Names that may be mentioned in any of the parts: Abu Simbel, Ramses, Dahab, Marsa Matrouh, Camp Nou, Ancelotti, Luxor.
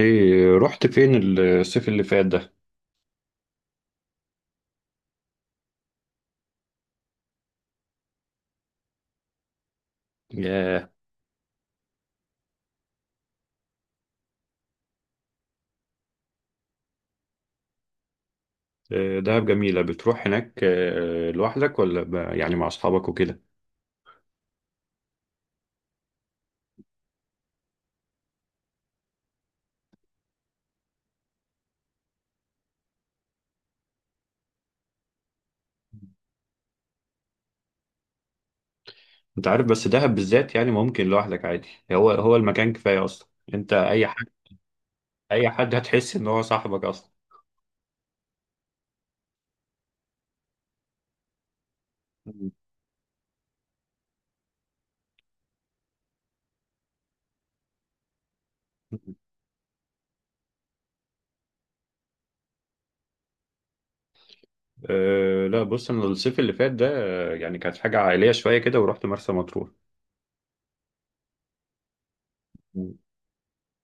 ايه رحت فين الصيف اللي فات ده؟ ياه. دهب جميلة بتروح هناك، لوحدك ولا يعني مع أصحابك وكده؟ أنت عارف بس دهب بالذات يعني ممكن لوحدك عادي، هو المكان كفاية أصلا. أنت أي حد أي حد هتحس إن هو صاحبك أصلا. مم. لا بص أنا الصيف اللي فات ده، يعني كانت حاجة عائلية شوية كده ورحت مرسى مطروح. مم.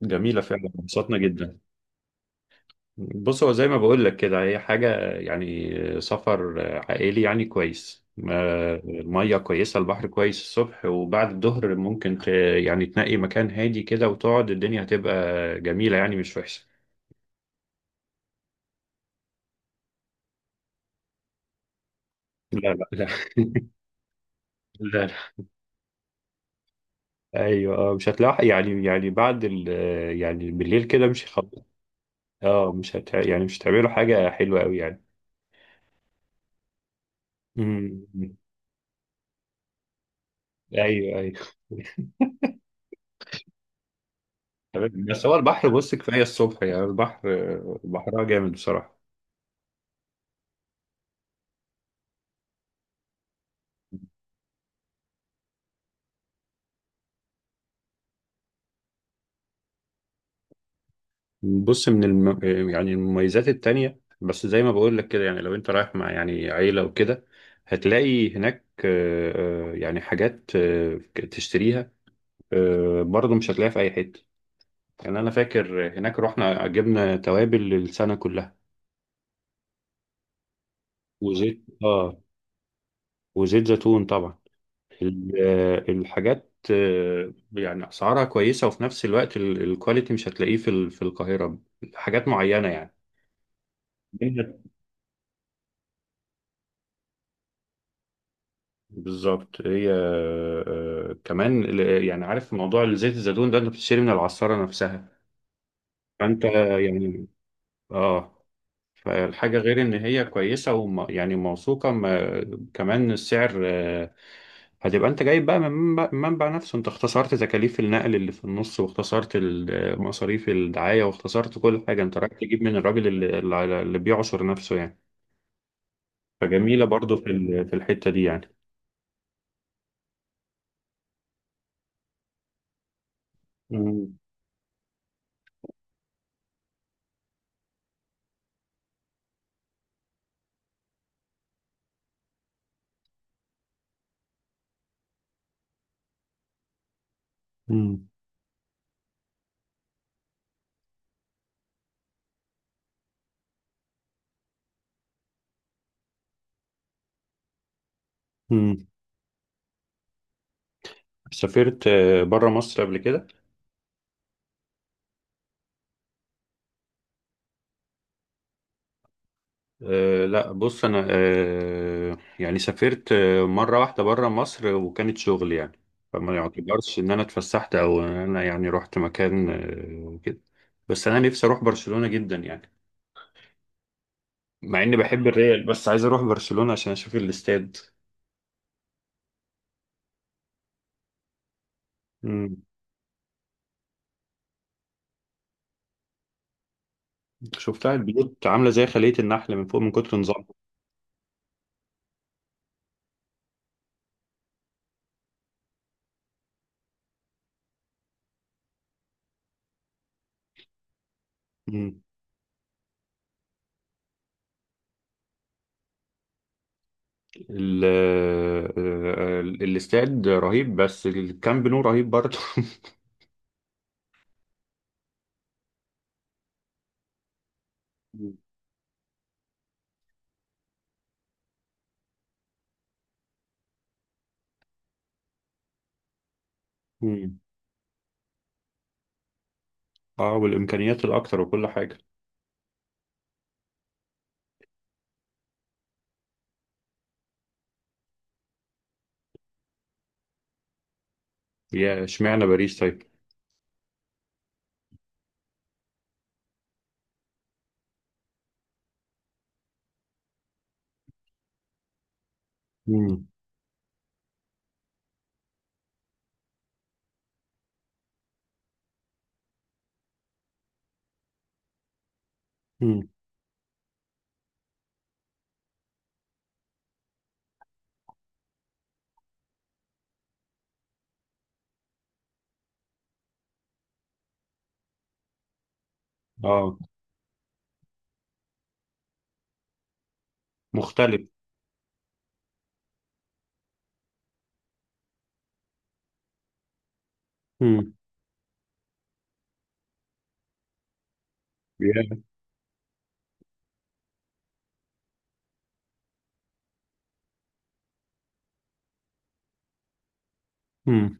جميلة فعلا، انبسطنا جدا. بص هو زي ما بقول لك كده، هي حاجة يعني سفر عائلي، يعني كويس، المية كويسة، البحر كويس الصبح وبعد الظهر، ممكن يعني تنقي مكان هادي كده وتقعد، الدنيا هتبقى جميلة يعني، مش وحشة. لا لا لا. لا لا. ايوه، مش هتلاقي يعني بعد يعني بالليل كده مش هيخلص. اه، مش هت يعني مش هتعملوا حاجة حلوة قوي يعني. امم. ايوه ايوه. تمام. بس هو البحر، بص كفاية الصبح يعني، البحر بحرها جامد بصراحة. بص من الم... يعني المميزات التانية، بس زي ما بقول لك كده يعني، لو انت رايح مع يعني عيلة وكده، هتلاقي هناك يعني حاجات تشتريها، برضه مش هتلاقيها في أي حتة. يعني أنا فاكر هناك رحنا جبنا توابل للسنة كلها. وزيت اه وزيت زيتون طبعا. الحاجات، يعني أسعارها كويسة، وفي نفس الوقت الكواليتي مش هتلاقيه في القاهرة، حاجات معينة يعني. بالظبط. هي، كمان، يعني عارف موضوع زيت الزيتون ده، انت بتشتري من العصارة نفسها. فانت يعني، اه فالحاجة غير ان هي كويسة، وم يعني موثوقة. ما كمان السعر، هتبقى انت جايب بقى من منبع نفسه، انت اختصرت تكاليف النقل اللي في النص، واختصرت مصاريف الدعاية، واختصرت كل حاجة، انت رايح تجيب من الراجل اللي بيعصر نفسه يعني. فجميلة برضو في الحتة دي يعني. مم. مم. سافرت بره مصر قبل كده؟ لا بص، انا، يعني سافرت مره واحده بره مصر، وكانت شغل يعني، فما يعتبرش ان انا اتفسحت او ان انا يعني رحت مكان وكده. بس انا نفسي اروح برشلونه جدا يعني، مع اني بحب الريال، بس عايز اروح برشلونه عشان اشوف الاستاد. مم. شفتها، البيوت عامله زي خليه النحل من فوق من كتر نظامها. مم. الاستاد رهيب، بس الكامب نو رهيب برضه. مم. اه، والامكانيات الاكتر وكل حاجه. يا اشمعنى باريس طيب؟ امم. امم. اه، مختلف. امم. يا. امم.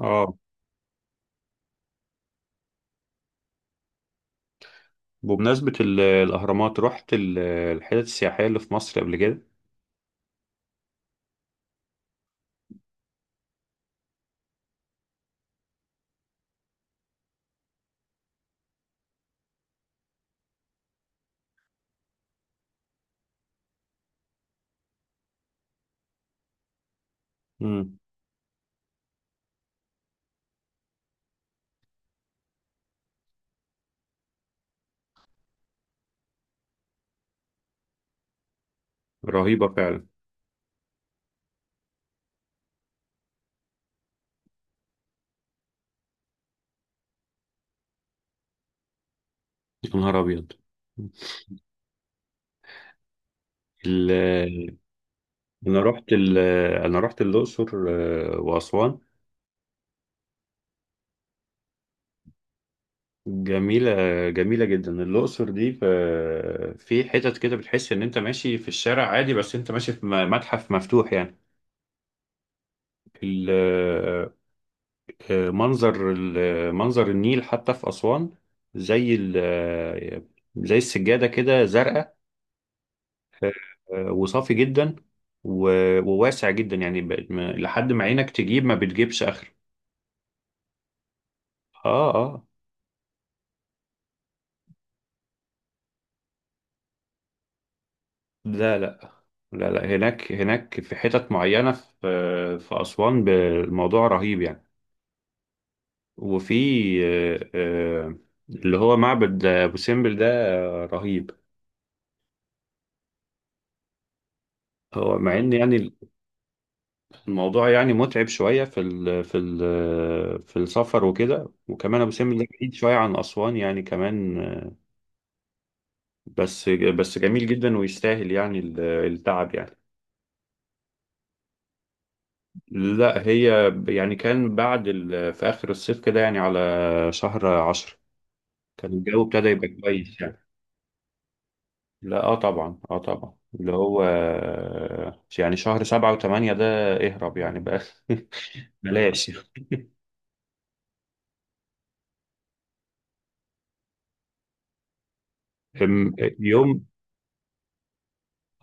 اه، بمناسبه الاهرامات، رحت الحتت السياحيه اللي في مصر قبل كده؟ امم. رهيبه فعلا. يا نهار ابيض. ال- انا رحت ال- انا رحت الاقصر واسوان. جميله. جميله جدا الاقصر دي، في حتت كده بتحس ان انت ماشي في الشارع عادي، بس انت ماشي في متحف مفتوح يعني. ال- منظر النيل حتى في أسوان، زي ال- آه، زي السجادة كده زرقاء، وصافي جدا، وواسع جدا يعني، لحد ما عينك تجيب، ما بتجيبش آخر. اه اه. لا لا. لا لا، هناك في حتت معينة في أسوان، الموضوع رهيب يعني. وفي آه، آه، اللي هو معبد أبو سمبل ده، رهيب. هو مع ان يعني، الموضوع يعني متعب شوية في السفر وكده، وكمان أبو سمبل ده بعيد شوية عن أسوان يعني كمان. بس جميل جدا، ويستاهل يعني التعب يعني. لا، هي يعني كان بعد ال في آخر الصيف كده يعني، على شهر 10، كان الجو ابتدى يبقى كويس يعني. لا، اه طبعا، اه طبعا، اللي هو يعني شهر 7 و8 ده، اهرب يعني بقى. بلاش. يوم،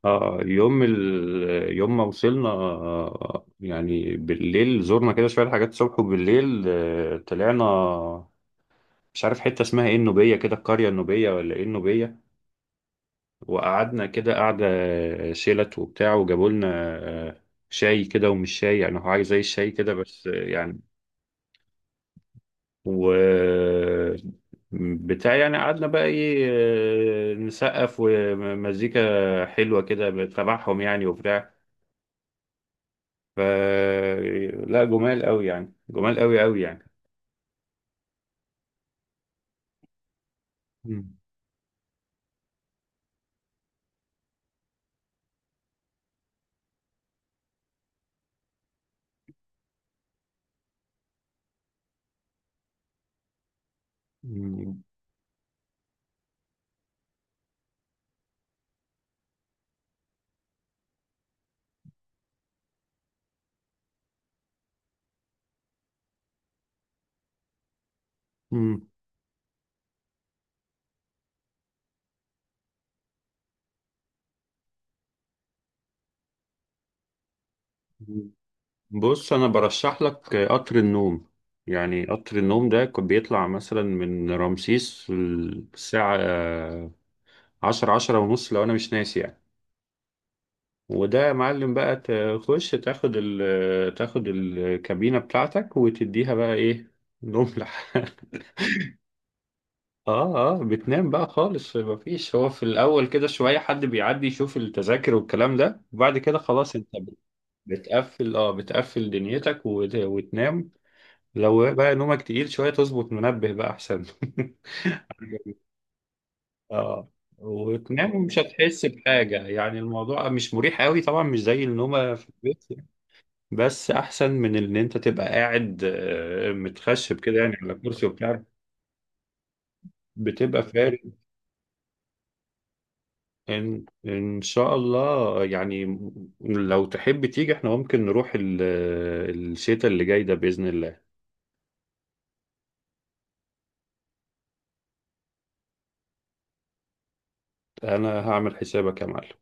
اه، يوم ما وصلنا، يعني بالليل زرنا كده شوية حاجات، الصبح وبالليل، طلعنا، مش عارف حتة اسمها ايه، النوبية كده، القرية النوبية ولا ايه النوبية، وقعدنا كده قعدة شيلت وبتاع، وجابوا لنا آه، شاي كده، ومش شاي يعني، هو حاجة زي الشاي كده، بس يعني، و بتاع يعني. قعدنا بقى ايه، نسقف ومزيكا حلوة كده تبعهم يعني وبتاع. ف لا، جمال قوي يعني، جمال قوي قوي يعني. مم. مم. مم. بص، انا برشح لك قطر النوم. يعني قطر النوم ده كان بيطلع مثلا من رمسيس الساعة 10، 10 ونص لو انا مش ناسي يعني. وده يا معلم بقى، تخش تاخد ال تاخد الكابينة بتاعتك وتديها بقى ايه، نملة. اه اه. بتنام بقى خالص، مفيش، هو في الاول كده شويه حد بيعدي يشوف التذاكر والكلام ده، وبعد كده خلاص انت بتقفل، بتقفل دنيتك وت- وتنام. لو بقى نومك تقيل شويه تظبط منبه بقى احسن. اه، وتنام ومش هتحس بحاجه، يعني الموضوع مش مريح قوي طبعا، مش زي النومه في البيت يعني. بس احسن من ان انت تبقى قاعد، متخشب كده يعني على كرسي وبتاع، بتبقى فارق. إن شاء الله يعني، لو تحب تيجي، احنا ممكن نروح الشتاء اللي جاي ده بإذن الله. أنا هعمل حسابك يا معلم.